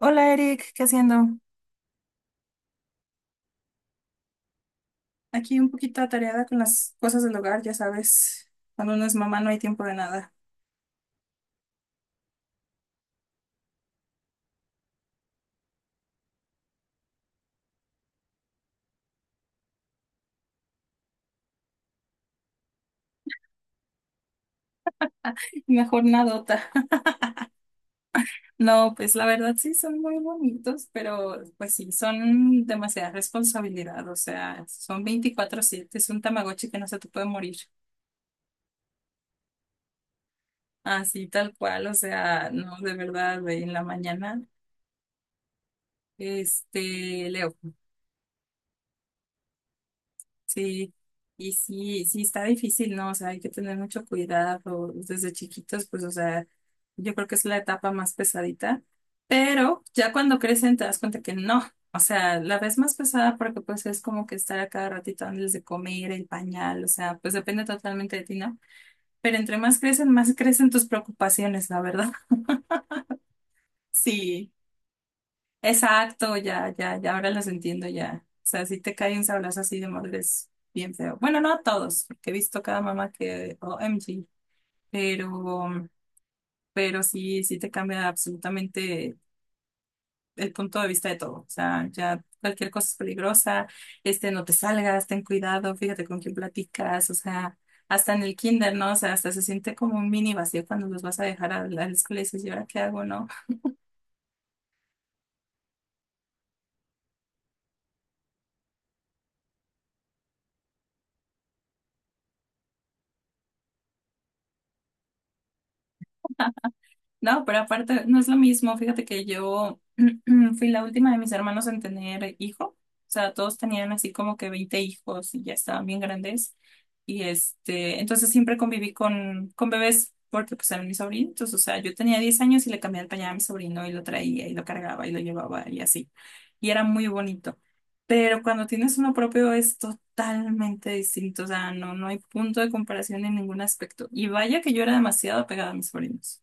Hola Eric, ¿qué haciendo? Aquí un poquito atareada con las cosas del hogar, ya sabes, cuando uno es mamá no hay tiempo de nada. Mejor nadota. No, pues la verdad sí son muy bonitos, pero pues sí, son demasiada responsabilidad, o sea, son 24/7. Es un tamagotchi que no se te puede morir. Así tal cual, o sea, no, de verdad, de en la mañana. Le Sí, y sí, sí está difícil, ¿no? O sea, hay que tener mucho cuidado desde chiquitos, pues, o sea, yo creo que es la etapa más pesadita, pero ya cuando crecen te das cuenta que no, o sea, la ves más pesada porque pues es como que estar a cada ratito antes de comer, el pañal, o sea, pues depende totalmente de ti, ¿no? Pero entre más crecen tus preocupaciones, la verdad. Sí. Exacto, ya, ya, ya, ahora los entiendo ya. O sea, si te cae un sablazo así de madre es bien feo. Bueno, no a todos, porque he visto cada mamá que, OMG, pero, pero sí, sí te cambia absolutamente el punto de vista de todo. O sea, ya cualquier cosa es peligrosa, no te salgas, ten cuidado, fíjate con quién platicas, o sea, hasta en el kinder, ¿no? O sea, hasta se siente como un mini vacío cuando los vas a dejar a la escuela y dices, ¿y ahora qué hago, no? No, pero aparte no es lo mismo. Fíjate que yo fui la última de mis hermanos en tener hijo. O sea, todos tenían así como que 20 hijos y ya estaban bien grandes. Y entonces siempre conviví con bebés porque pues eran mis sobrinos. O sea, yo tenía 10 años y le cambiaba el pañal a mi sobrino y lo traía y lo cargaba y lo llevaba y así. Y era muy bonito. Pero cuando tienes uno propio es totalmente distinto, o sea, no, no hay punto de comparación en ningún aspecto. Y vaya que yo era demasiado apegada a mis sobrinos.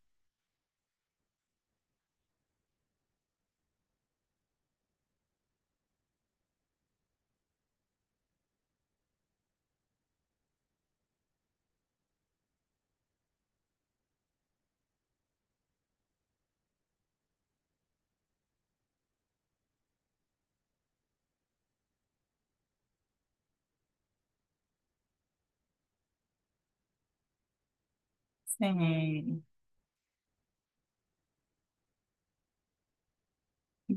Sí.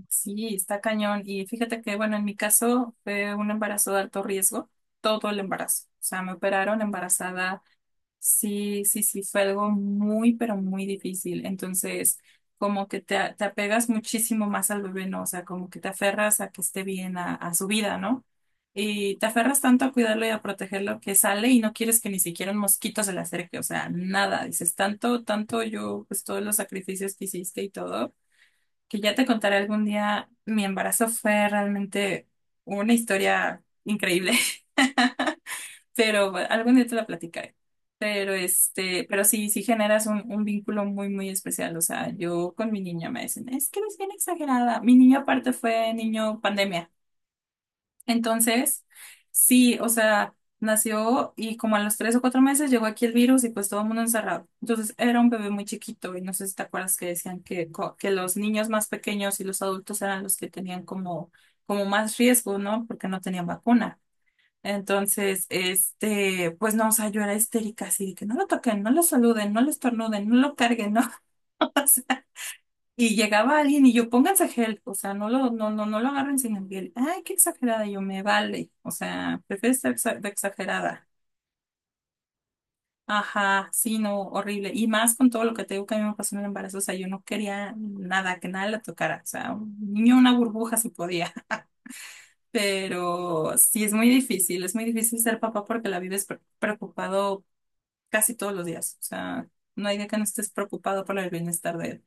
Sí, está cañón. Y fíjate que, bueno, en mi caso fue un embarazo de alto riesgo, todo el embarazo. O sea, me operaron embarazada. Sí, sí, sí, fue algo muy, pero muy difícil. Entonces, como que te apegas muchísimo más al bebé, ¿no? O sea, como que te aferras a que esté bien, a su vida, ¿no? Y te aferras tanto a cuidarlo y a protegerlo que sale y no quieres que ni siquiera un mosquito se le acerque. O sea, nada. Dices, tanto, tanto yo, pues todos los sacrificios que hiciste y todo que ya te contaré algún día, mi embarazo fue realmente una historia increíble, pero bueno, algún día te la platicaré. Pero pero sí, sí generas un, vínculo muy, muy especial. O sea, yo con mi niña me dicen, es que eres bien exagerada. Mi niño aparte fue niño pandemia. Entonces, sí, o sea, nació y como a los 3 o 4 meses llegó aquí el virus y pues todo el mundo encerrado. Entonces era un bebé muy chiquito y no sé si te acuerdas que decían que, que los niños más pequeños y los adultos eran los que tenían como más riesgo, ¿no? Porque no tenían vacuna. Entonces, pues no, o sea, yo era histérica, así de que no lo toquen, no lo saluden, no lo estornuden, no lo carguen, ¿no? Y llegaba alguien y yo, pónganse gel, o sea, no lo agarren sin el gel. Ay, qué exagerada, yo me vale. O sea, prefiero ser de exagerada. Ajá, sí, no, horrible. Y más con todo lo que te digo que a mí me pasó en el embarazo, o sea, yo no quería nada, que nada la tocara. O sea, un niño, una burbuja si podía. Pero sí, es muy difícil ser papá porque la vives preocupado casi todos los días. O sea, no hay día que no estés preocupado por el bienestar de él.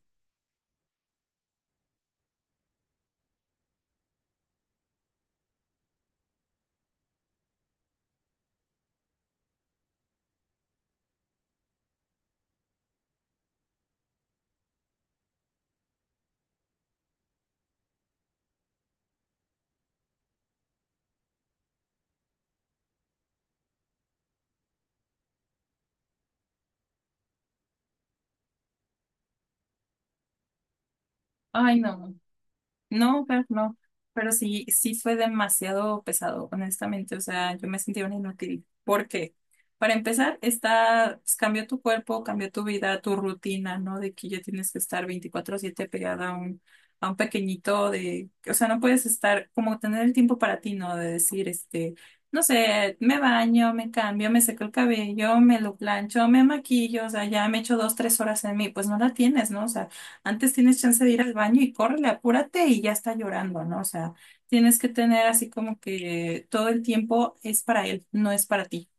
Ay, no. No, pero no, pero sí, sí fue demasiado pesado, honestamente. O sea, yo me sentía una inútil. ¿Por qué? Para empezar, pues, cambió tu cuerpo, cambió tu vida, tu rutina, ¿no? De que ya tienes que estar 24/7 pegada a un pequeñito de, o sea, no puedes estar como tener el tiempo para ti, ¿no? De decir, no sé, me baño, me cambio, me seco el cabello, me lo plancho, me maquillo, o sea, ya me echo dos, tres horas en mí, pues no la tienes, ¿no? O sea, antes tienes chance de ir al baño y córrele, apúrate y ya está llorando, ¿no? O sea, tienes que tener así como que todo el tiempo es para él, no es para ti.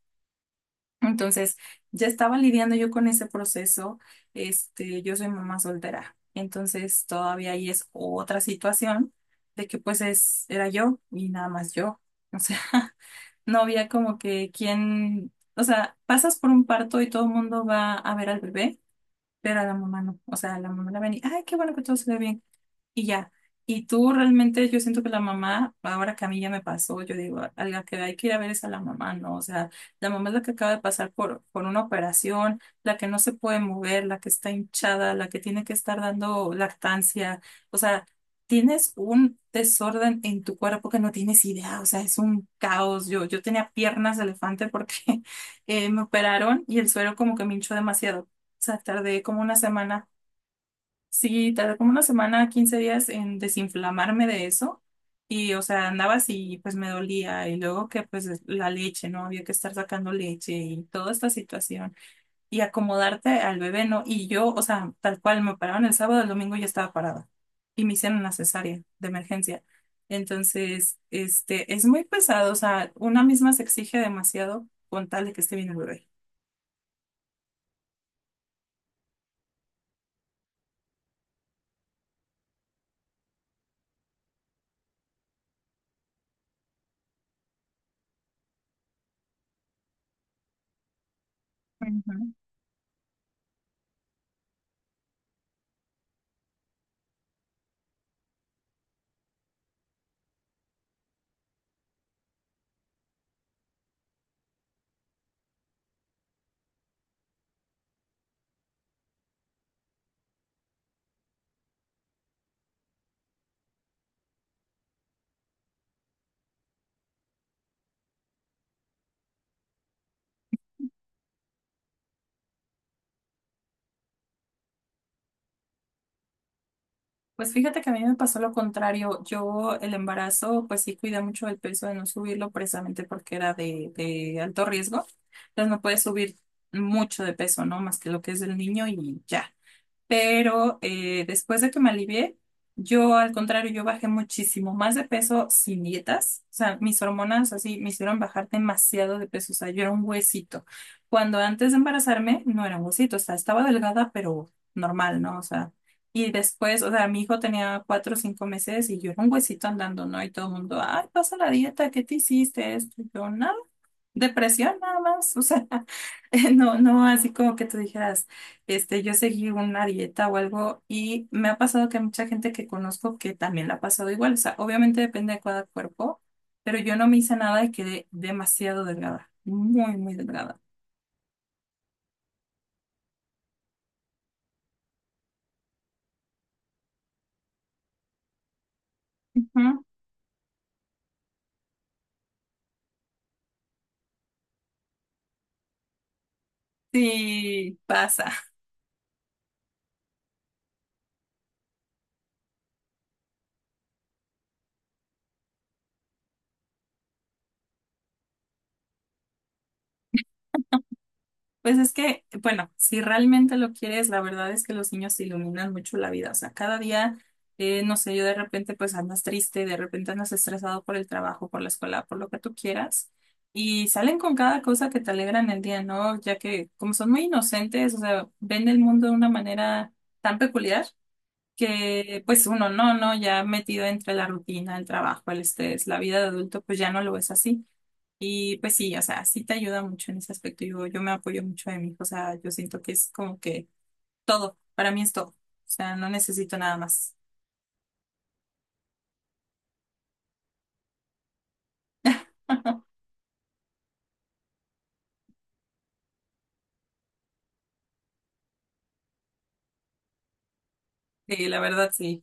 Entonces, ya estaba lidiando yo con ese proceso. Yo soy mamá soltera. Entonces, todavía ahí es otra situación de que pues era yo y nada más yo. O sea, no había como que quien, o sea, pasas por un parto y todo el mundo va a ver al bebé, pero a la mamá no. O sea, la mamá la ven y, ay, qué bueno que todo se ve bien y ya. Y tú realmente, yo siento que la mamá, ahora que a mí ya me pasó, yo digo, a la que hay que ir a ver es a la mamá, ¿no? O sea, la mamá es la que acaba de pasar por una operación, la que no se puede mover, la que está hinchada, la que tiene que estar dando lactancia. O sea, tienes un desorden en tu cuerpo que no tienes idea, o sea, es un caos. Yo tenía piernas de elefante porque me operaron y el suero como que me hinchó demasiado. O sea, tardé como una semana. Sí, tardé como una semana, 15 días en desinflamarme de eso. Y, o sea, andaba así y pues me dolía. Y luego que pues la leche, ¿no? Había que estar sacando leche y toda esta situación. Y acomodarte al bebé, ¿no? Y yo, o sea, tal cual, me paraban el sábado, el domingo ya estaba parada. Y me hicieron una cesárea de emergencia. Entonces, es muy pesado. O sea, una misma se exige demasiado con tal de que esté bien el bebé. Pues fíjate que a mí me pasó lo contrario. Yo el embarazo, pues sí cuidé mucho el peso de no subirlo precisamente porque era de alto riesgo. Entonces no puedes subir mucho de peso, ¿no? Más que lo que es del niño y ya pero después de que me alivié, yo al contrario, yo bajé muchísimo más de peso sin dietas, o sea, mis hormonas así me hicieron bajar demasiado de peso, o sea, yo era un huesito. Cuando antes de embarazarme no era un huesito, o sea, estaba delgada, pero normal, ¿no? O sea, y después, o sea, mi hijo tenía 4 o 5 meses y yo era un huesito andando, ¿no? Y todo el mundo, ay, pasa la dieta, ¿qué te hiciste esto? Y yo, no. Depresión nada más, o sea, no así como que tú dijeras, yo seguí una dieta o algo y me ha pasado que mucha gente que conozco que también la ha pasado igual, o sea, obviamente depende de cada cuerpo, pero yo no me hice nada y quedé demasiado delgada, muy, muy delgada. Ujú. Sí, pasa. Pues es que, bueno, si realmente lo quieres, la verdad es que los niños te iluminan mucho la vida. O sea, cada día, no sé, yo de repente pues andas triste, de repente andas estresado por el trabajo, por la escuela, por lo que tú quieras. Y salen con cada cosa que te alegran el día, ¿no? Ya que como son muy inocentes, o sea, ven el mundo de una manera tan peculiar que pues uno no, ya metido entre la rutina, el trabajo, el estrés, la vida de adulto, pues ya no lo ves así. Y pues sí, o sea, sí te ayuda mucho en ese aspecto. Yo me apoyo mucho de mi hijo, o sea, yo siento que es como que todo, para mí es todo. O sea, no necesito nada más. Sí, la verdad sí.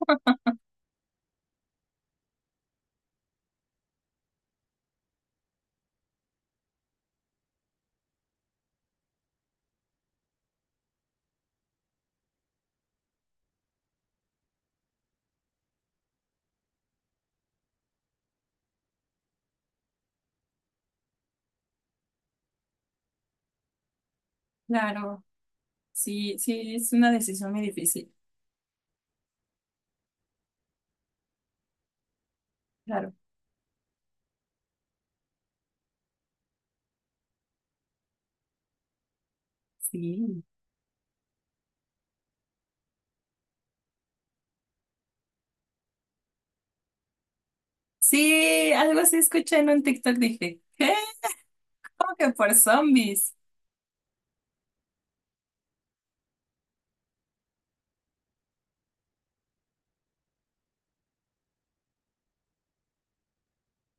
Claro, sí, sí, es una decisión muy difícil. Claro, sí. Sí, algo así escuché en un TikTok, dije, ¿qué? ¿Cómo que por zombies?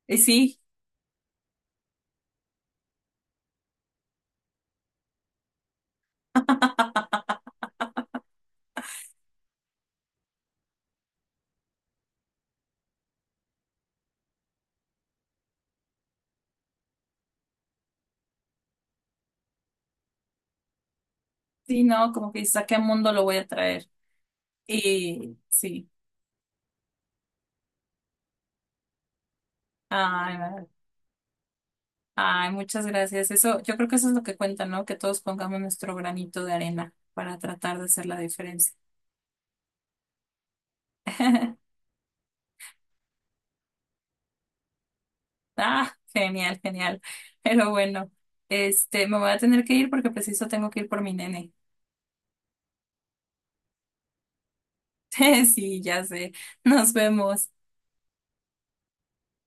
Y sí, sí, no, como que dices, ¿a qué mundo lo voy a traer? Y sí, Ay, muchas gracias. Eso, yo creo que eso es lo que cuenta, ¿no? Que todos pongamos nuestro granito de arena para tratar de hacer la diferencia. Ah, genial, genial. Pero bueno, me voy a tener que ir porque preciso tengo que ir por mi nene. Sí, ya sé. Nos vemos.